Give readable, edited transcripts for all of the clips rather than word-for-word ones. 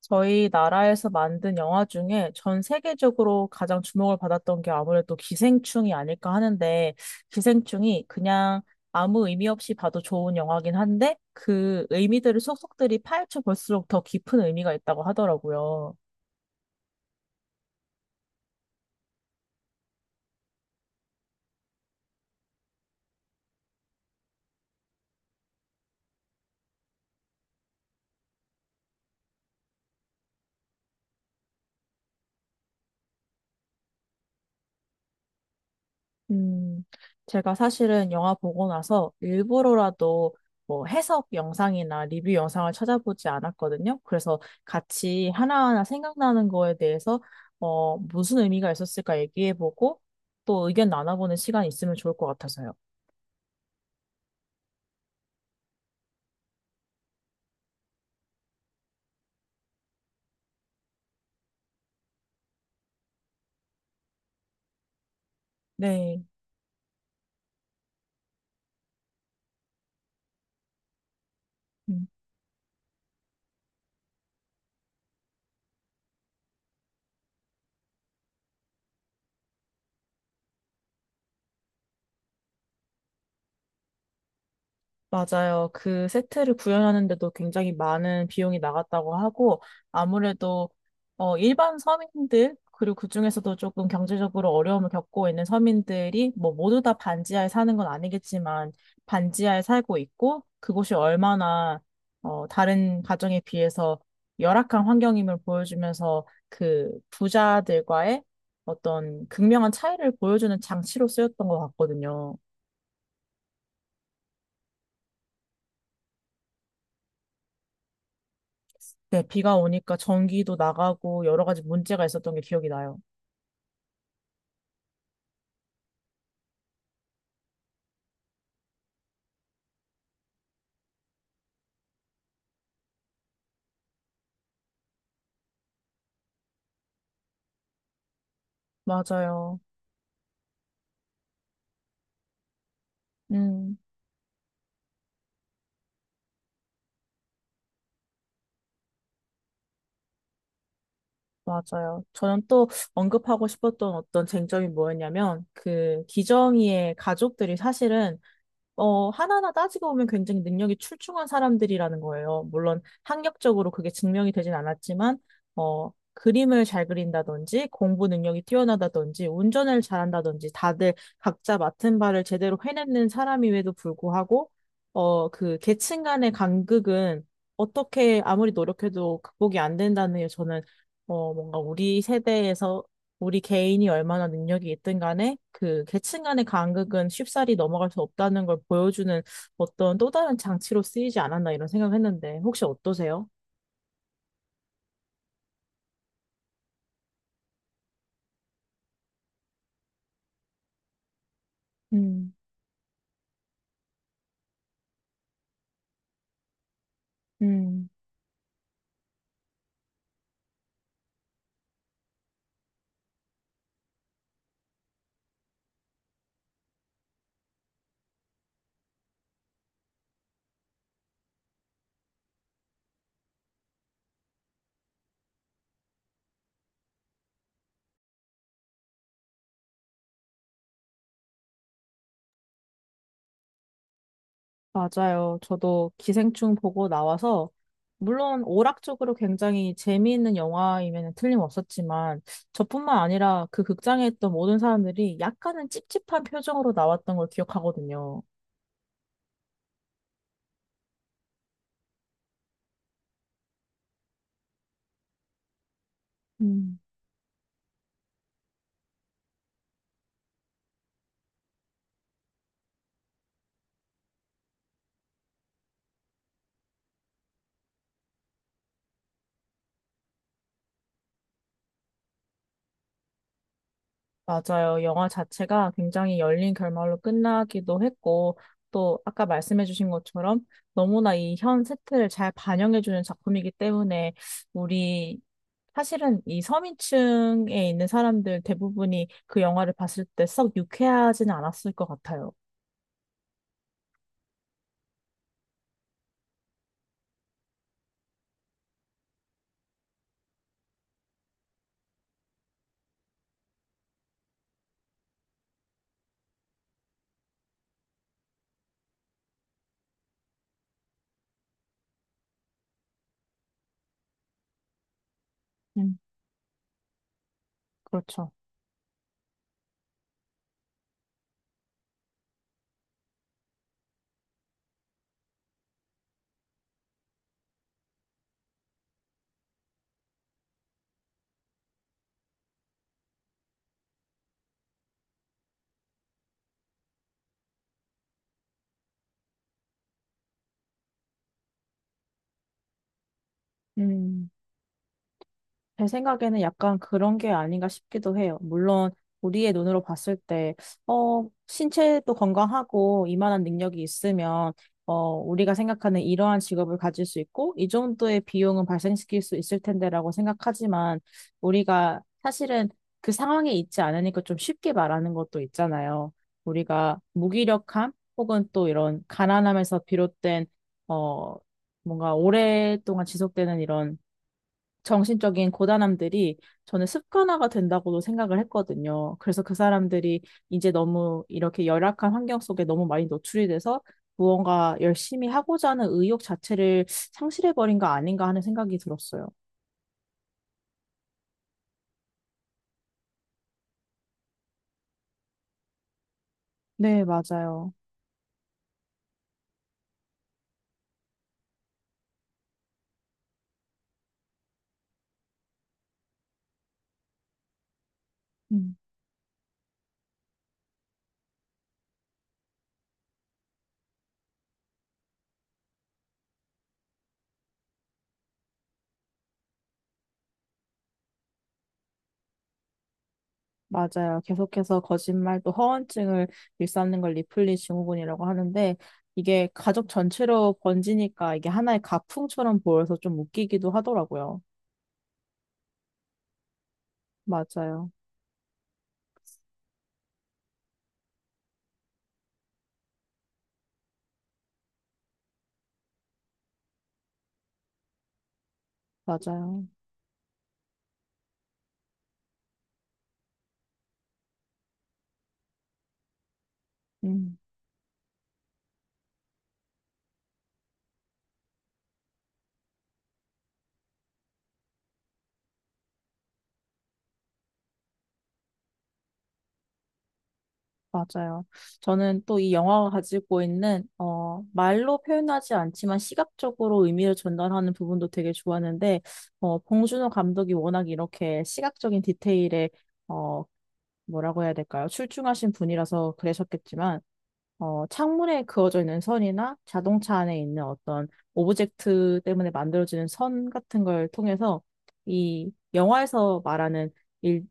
저희 나라에서 만든 영화 중에 전 세계적으로 가장 주목을 받았던 게 아무래도 기생충이 아닐까 하는데, 기생충이 그냥 아무 의미 없이 봐도 좋은 영화긴 한데, 그 의미들을 속속들이 파헤쳐 볼수록 더 깊은 의미가 있다고 하더라고요. 음, 제가 사실은 영화 보고 나서 일부러라도 뭐 해석 영상이나 리뷰 영상을 찾아보지 않았거든요. 그래서 같이 하나하나 생각나는 거에 대해서 무슨 의미가 있었을까 얘기해보고 또 의견 나눠보는 시간이 있으면 좋을 것 같아서요. 네. 맞아요. 그 세트를 구현하는데도 굉장히 많은 비용이 나갔다고 하고, 아무래도, 일반 서민들, 그리고 그중에서도 조금 경제적으로 어려움을 겪고 있는 서민들이, 뭐, 모두 다 반지하에 사는 건 아니겠지만, 반지하에 살고 있고, 그곳이 얼마나, 다른 가정에 비해서 열악한 환경임을 보여주면서, 그 부자들과의 어떤 극명한 차이를 보여주는 장치로 쓰였던 것 같거든요. 네, 비가 오니까 전기도 나가고 여러 가지 문제가 있었던 게 기억이 나요. 맞아요. 음, 맞아요. 저는 또 언급하고 싶었던 어떤 쟁점이 뭐였냐면, 그 기정이의 가족들이 사실은 하나하나 따지고 보면 굉장히 능력이 출중한 사람들이라는 거예요. 물론 학력적으로 그게 증명이 되진 않았지만, 그림을 잘 그린다든지, 공부 능력이 뛰어나다든지, 운전을 잘한다든지, 다들 각자 맡은 바를 제대로 해내는 사람임에도 불구하고, 그 계층 간의 간극은 어떻게 아무리 노력해도 극복이 안 된다는 게 저는, 뭔가 우리 세대에서 우리 개인이 얼마나 능력이 있든 간에 그 계층 간의 간극은 쉽사리 넘어갈 수 없다는 걸 보여주는 어떤 또 다른 장치로 쓰이지 않았나 이런 생각을 했는데 혹시 어떠세요? 음, 음, 맞아요. 저도 기생충 보고 나와서 물론 오락적으로 굉장히 재미있는 영화이면 틀림없었지만 저뿐만 아니라 그 극장에 있던 모든 사람들이 약간은 찝찝한 표정으로 나왔던 걸 기억하거든요. 음. 맞아요. 영화 자체가 굉장히 열린 결말로 끝나기도 했고, 또 아까 말씀해주신 것처럼 너무나 이 현 세태를 잘 반영해주는 작품이기 때문에 우리 사실은 이 서민층에 있는 사람들 대부분이 그 영화를 봤을 때 썩 유쾌하지는 않았을 것 같아요. 음, 그렇죠. 음. 제 생각에는 약간 그런 게 아닌가 싶기도 해요. 물론 우리의 눈으로 봤을 때, 신체도 건강하고 이만한 능력이 있으면, 우리가 생각하는 이러한 직업을 가질 수 있고, 이 정도의 비용은 발생시킬 수 있을 텐데라고 생각하지만, 우리가 사실은 그 상황에 있지 않으니까 좀 쉽게 말하는 것도 있잖아요. 우리가 무기력함 혹은 또 이런 가난함에서 비롯된, 어, 뭔가 오랫동안 지속되는 이런 정신적인 고단함들이 저는 습관화가 된다고도 생각을 했거든요. 그래서 그 사람들이 이제 너무 이렇게 열악한 환경 속에 너무 많이 노출이 돼서 무언가 열심히 하고자 하는 의욕 자체를 상실해버린 거 아닌가 하는 생각이 들었어요. 네, 맞아요. 음, 맞아요. 계속해서 거짓말 또 허언증을 일삼는 걸 리플리 증후군이라고 하는데 이게 가족 전체로 번지니까 이게 하나의 가풍처럼 보여서 좀 웃기기도 하더라고요. 맞아요. 맞아요. 음. 맞아요. 저는 또 이 영화가 가지고 있는, 말로 표현하지 않지만 시각적으로 의미를 전달하는 부분도 되게 좋았는데, 봉준호 감독이 워낙 이렇게 시각적인 디테일에, 어, 뭐라고 해야 될까요? 출중하신 분이라서 그러셨겠지만, 창문에 그어져 있는 선이나 자동차 안에 있는 어떤 오브젝트 때문에 만들어지는 선 같은 걸 통해서 이 영화에서 말하는 일,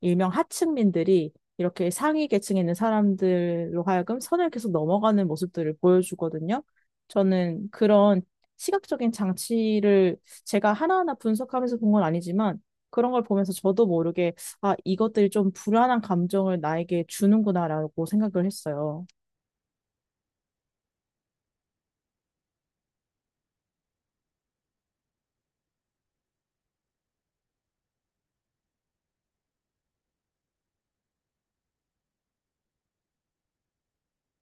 일명 하층민들이 이렇게 상위 계층에 있는 사람들로 하여금 선을 계속 넘어가는 모습들을 보여주거든요. 저는 그런 시각적인 장치를 제가 하나하나 분석하면서 본 건 아니지만 그런 걸 보면서 저도 모르게 아, 이것들이 좀 불안한 감정을 나에게 주는구나라고 생각을 했어요.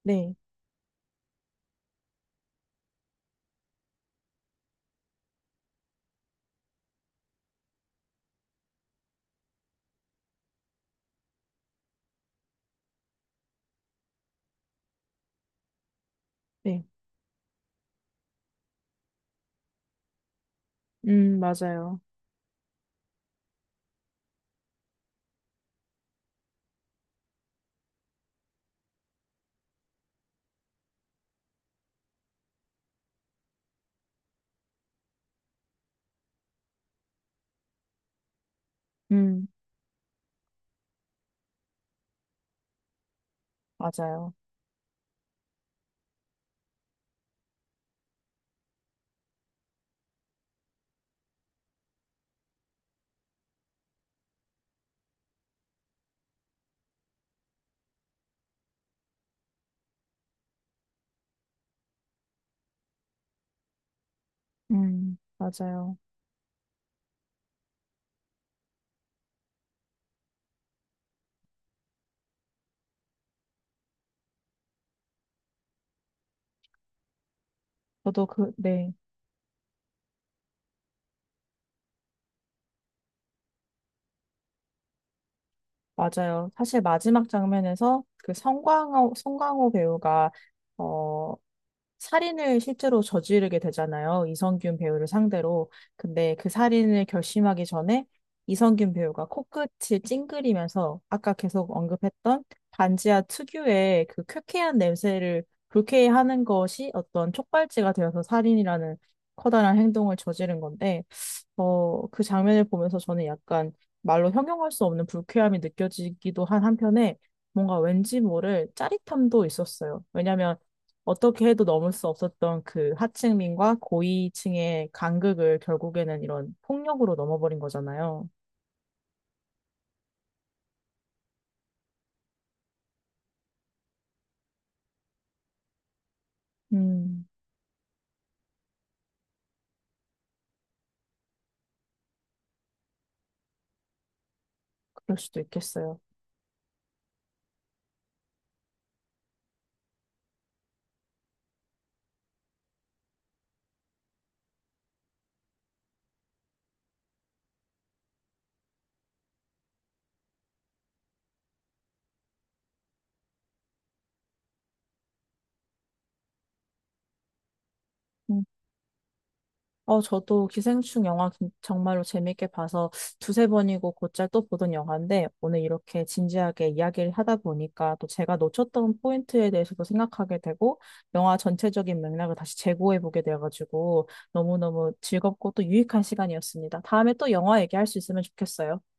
네, 네. 맞아요. 음, 맞아요. 맞아요. 저도 그, 네, 맞아요. 사실 마지막 장면에서 그 성광호 배우가, 어, 살인을 실제로 저지르게 되잖아요. 이성균 배우를 상대로. 근데 그 살인을 결심하기 전에 이성균 배우가 코끝을 찡그리면서 아까 계속 언급했던 반지하 특유의 그 쾌쾌한 냄새를 불쾌해하는 것이 어떤 촉발제가 되어서 살인이라는 커다란 행동을 저지른 건데 그 장면을 보면서 저는 약간 말로 형용할 수 없는 불쾌함이 느껴지기도 한 한편에 뭔가 왠지 모를 짜릿함도 있었어요. 왜냐하면 어떻게 해도 넘을 수 없었던 그 하층민과 고위층의 간극을 결국에는 이런 폭력으로 넘어버린 거잖아요. 음, 그럴 수도 있겠어요. 저도 기생충 영화 정말로 재밌게 봐서 두세 번이고 곧잘 또 보던 영화인데 오늘 이렇게 진지하게 이야기를 하다 보니까 또 제가 놓쳤던 포인트에 대해서도 생각하게 되고 영화 전체적인 맥락을 다시 재고해 보게 돼가지고 너무너무 즐겁고 또 유익한 시간이었습니다. 다음에 또 영화 얘기할 수 있으면 좋겠어요.